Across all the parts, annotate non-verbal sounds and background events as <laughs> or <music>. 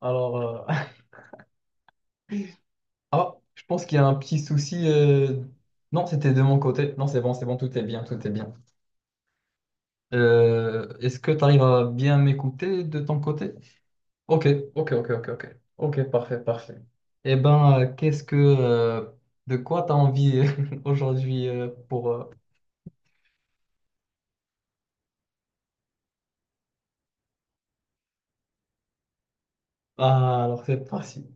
Alors, euh, <laughs> ah, je pense qu'il y a un petit souci. Non, c'était de mon côté. Non, c'est bon, tout est bien, tout est bien. Est-ce que tu arrives à bien m'écouter de ton côté? Ok, ok, ok, ok, ok. Ok, parfait, parfait. Eh ben, de quoi tu as envie <laughs> aujourd'hui. Ah, alors c'est parti,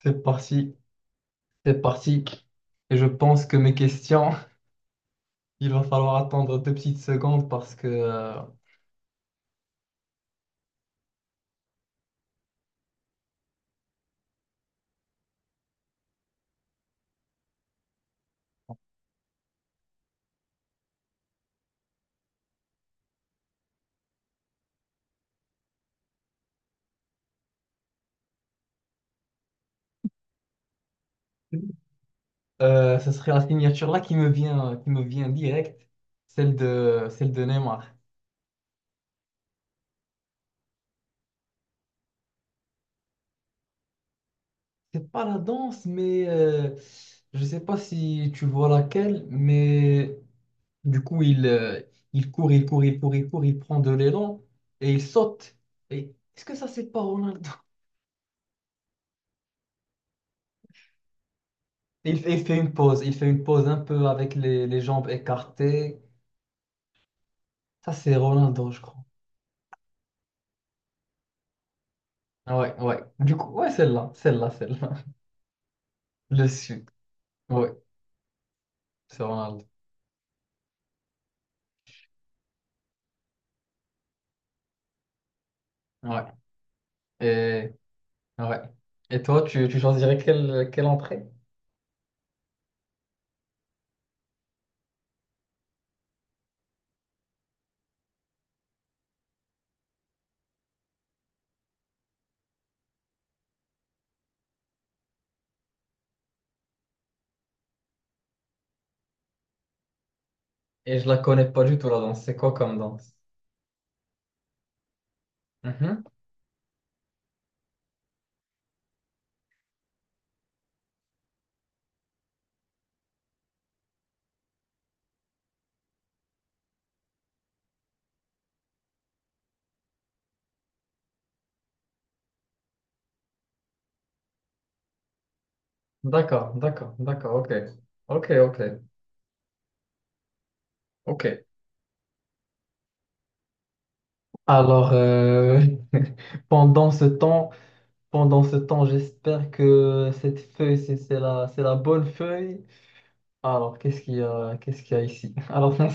c'est parti, c'est parti. Et je pense que mes questions, <laughs> il va falloir attendre deux petites secondes ce serait la signature là qui me vient direct, celle de Neymar. C'est pas la danse, mais je sais pas si tu vois laquelle, mais du coup il court, il court, il court, il court, il prend de l'élan et il saute. Et est-ce que ça c'est pas Ronaldo? <laughs> Et il fait une pause, il fait une pause un peu avec les jambes écartées. Ça c'est Ronaldo, je crois. Ouais, ouais. Du coup, ouais, celle-là, celle-là, celle-là. <laughs> Le sud. Ouais, c'est Ronaldo. Ouais. Ouais. Et toi, tu choisirais quelle entrée? Et je la connais pas du tout la danse. C'est quoi comme danse? Mhm. D'accord, d'accord, d'accord, ok. Ok, ok, ok. Alors, euh, <laughs> pendant ce temps, pendant ce temps, j'espère que cette feuille, c'est la bonne feuille. Alors, qu'est-ce qu'il y a, qu'est-ce qu'il y a ici? <laughs> Alors, non,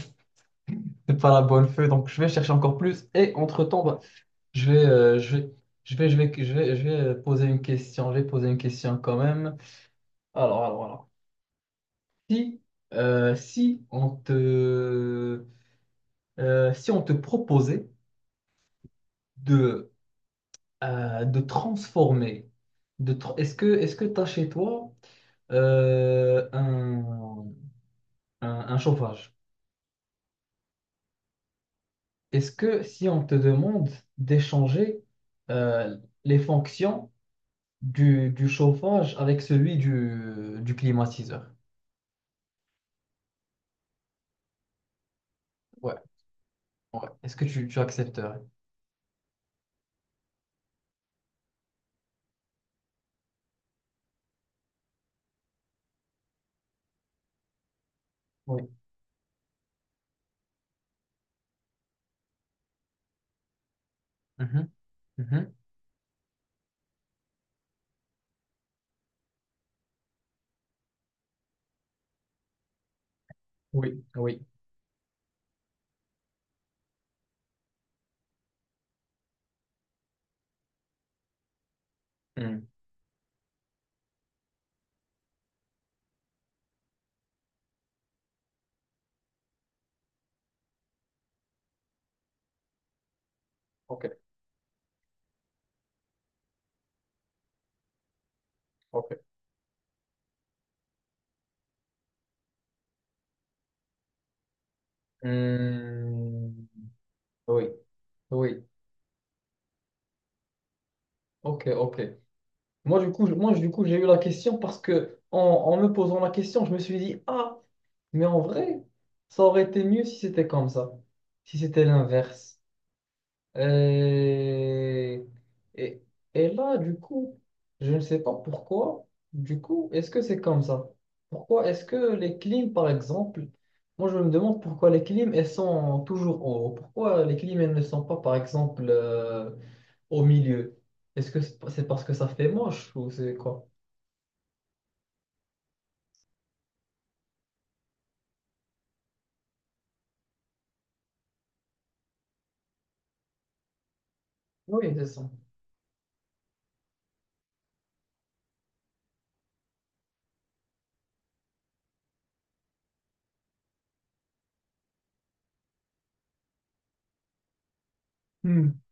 c'est pas la bonne feuille, donc je vais chercher encore plus. Et entre-temps, bah, je vais, je vais, je vais, je vais, je vais poser une question. Je vais poser une question quand même. Alors, alors. Si, euh, si on te, si on te proposait de, de transformer, est-ce que tu as chez toi euh, un, un chauffage? Est-ce que si on te demande d'échanger euh, les fonctions du chauffage avec celui du climatiseur? Ouais, ouais. Est-ce que tu accepterais? Oui. Mhm, mhm. Oui, oui. Hmm. Ok, ok. Hmm, oui, oui. Ok, ok. Moi, du coup, moi, du coup, j'ai eu la question parce que en me posant la question, je me suis dit, ah, mais en vrai, ça aurait été mieux si c'était comme ça, si c'était l'inverse. Et, et, et là, du coup, je ne sais pas pourquoi. Du coup, est-ce que c'est comme ça? Pourquoi est-ce que les clims, par exemple, moi je me demande pourquoi les clims, elles sont toujours en haut. Pourquoi les clims, elles ne sont pas, par exemple, au milieu? Est-ce que c'est parce que ça fait moche ou c'est quoi? Oui, c'est ça. Hmm.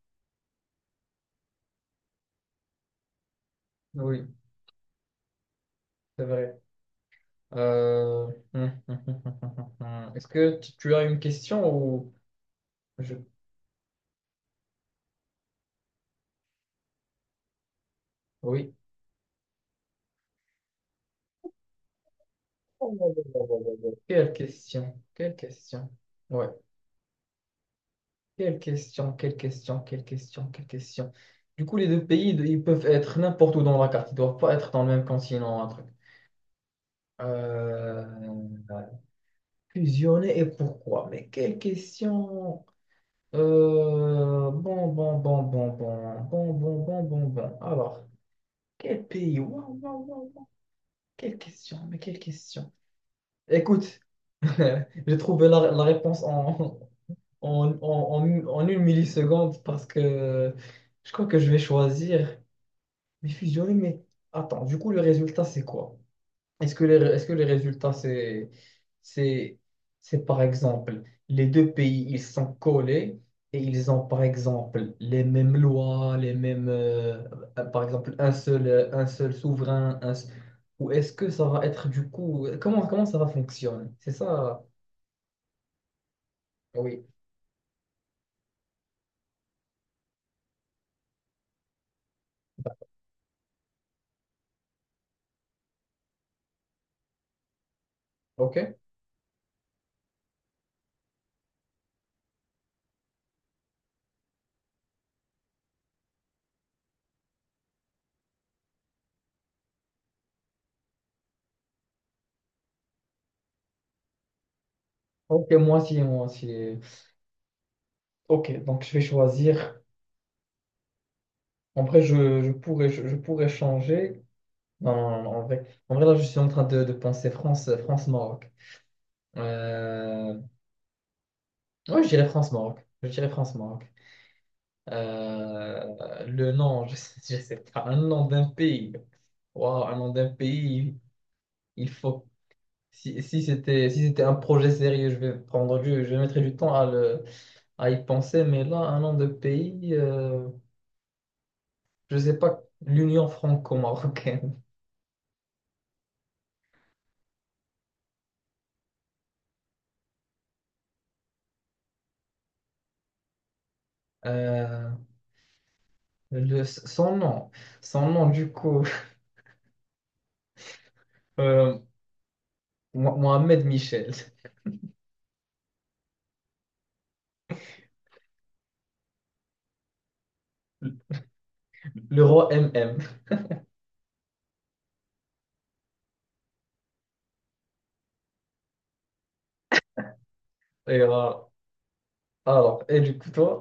Oui, c'est vrai. Euh, <laughs> Est-ce que tu as une question je... Oui. Oh, oh, oh, oh, oh, oh. Oh. Quelle question, quelle question. Ouais, quelle question, quelle question, quelle question, quelle question. Du coup, les deux pays, ils peuvent être n'importe où dans la carte. Ils doivent pas être dans le même continent, un truc. Euh, Fusionner et pourquoi? Mais quelle question. Bon, bon, bon, bon, bon, bon, bon, bon, bon, bon. Alors, quel pays? Waouh, waouh, waouh. Quelle question, mais quelle question. Écoute, <laughs> j'ai trouvé la réponse en une milliseconde parce que je crois que je vais choisir mais fusionner. Mais attends, du coup, le résultat, c'est quoi? Est-ce que les résultats, c'est, c'est par exemple, les deux pays, ils sont collés et ils ont par exemple les mêmes lois, par exemple, un seul souverain, ou est-ce que ça va être du coup, comment ça va fonctionner? C'est ça, oui, ok. Ok, moi aussi, moi aussi. Ok, donc je vais choisir. En vrai, je pourrais, je pourrais changer. Non, non, non, en vrai, là, je suis en train de penser France-Maroc. Euh... Ouais, je dirais France-Maroc. Je dirais France-Maroc. Le nom, <laughs> je sais pas, un nom d'un pays. Waouh, un nom d'un pays, il faut. Si c'était un projet sérieux, je mettrais du temps à y penser, mais là, un nom de pays, je sais pas, l'Union franco-marocaine. Euh, son nom, du coup, <laughs> euh, Mohamed Michel, le roi MM. Et, euh, alors, et du coup, toi,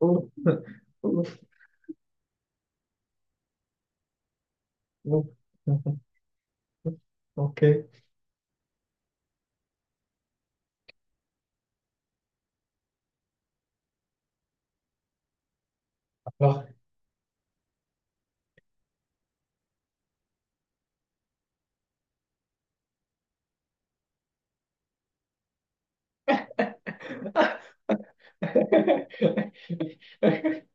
<laughs> ouf, ouf, ouf. Ok. Alors. <laughs>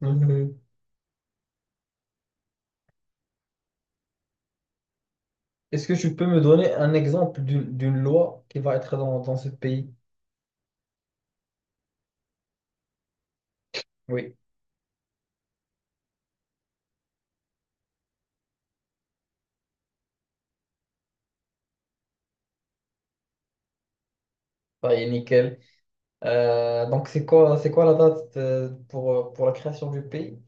Mhm. Est-ce que tu peux me donner un exemple d'une loi qui va être dans ce pays? Oui, ça y est, nickel. Donc, c'est quoi la date pour la création du pays?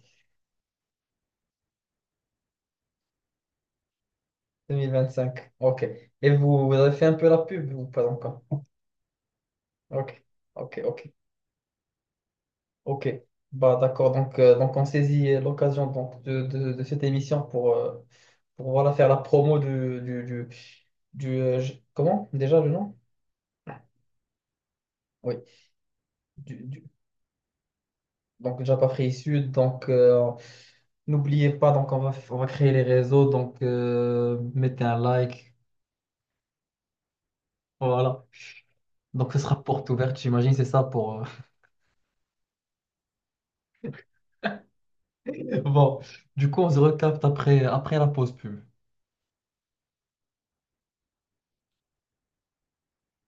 2025. Ok. Et vous avez fait un peu la pub ou pas encore? Ok. Ok, ok, ok. Bah d'accord, donc on saisit l'occasion donc, de cette émission pour voilà, faire la promo du comment? Déjà le nom? Oui, du, du- donc Japa Free Sud. Donc n'oubliez pas, donc on va créer les réseaux. Donc mettez un like. Voilà. Donc ce sera porte ouverte, j'imagine, c'est ça. Bon, du coup, on se recapte après la pause pub.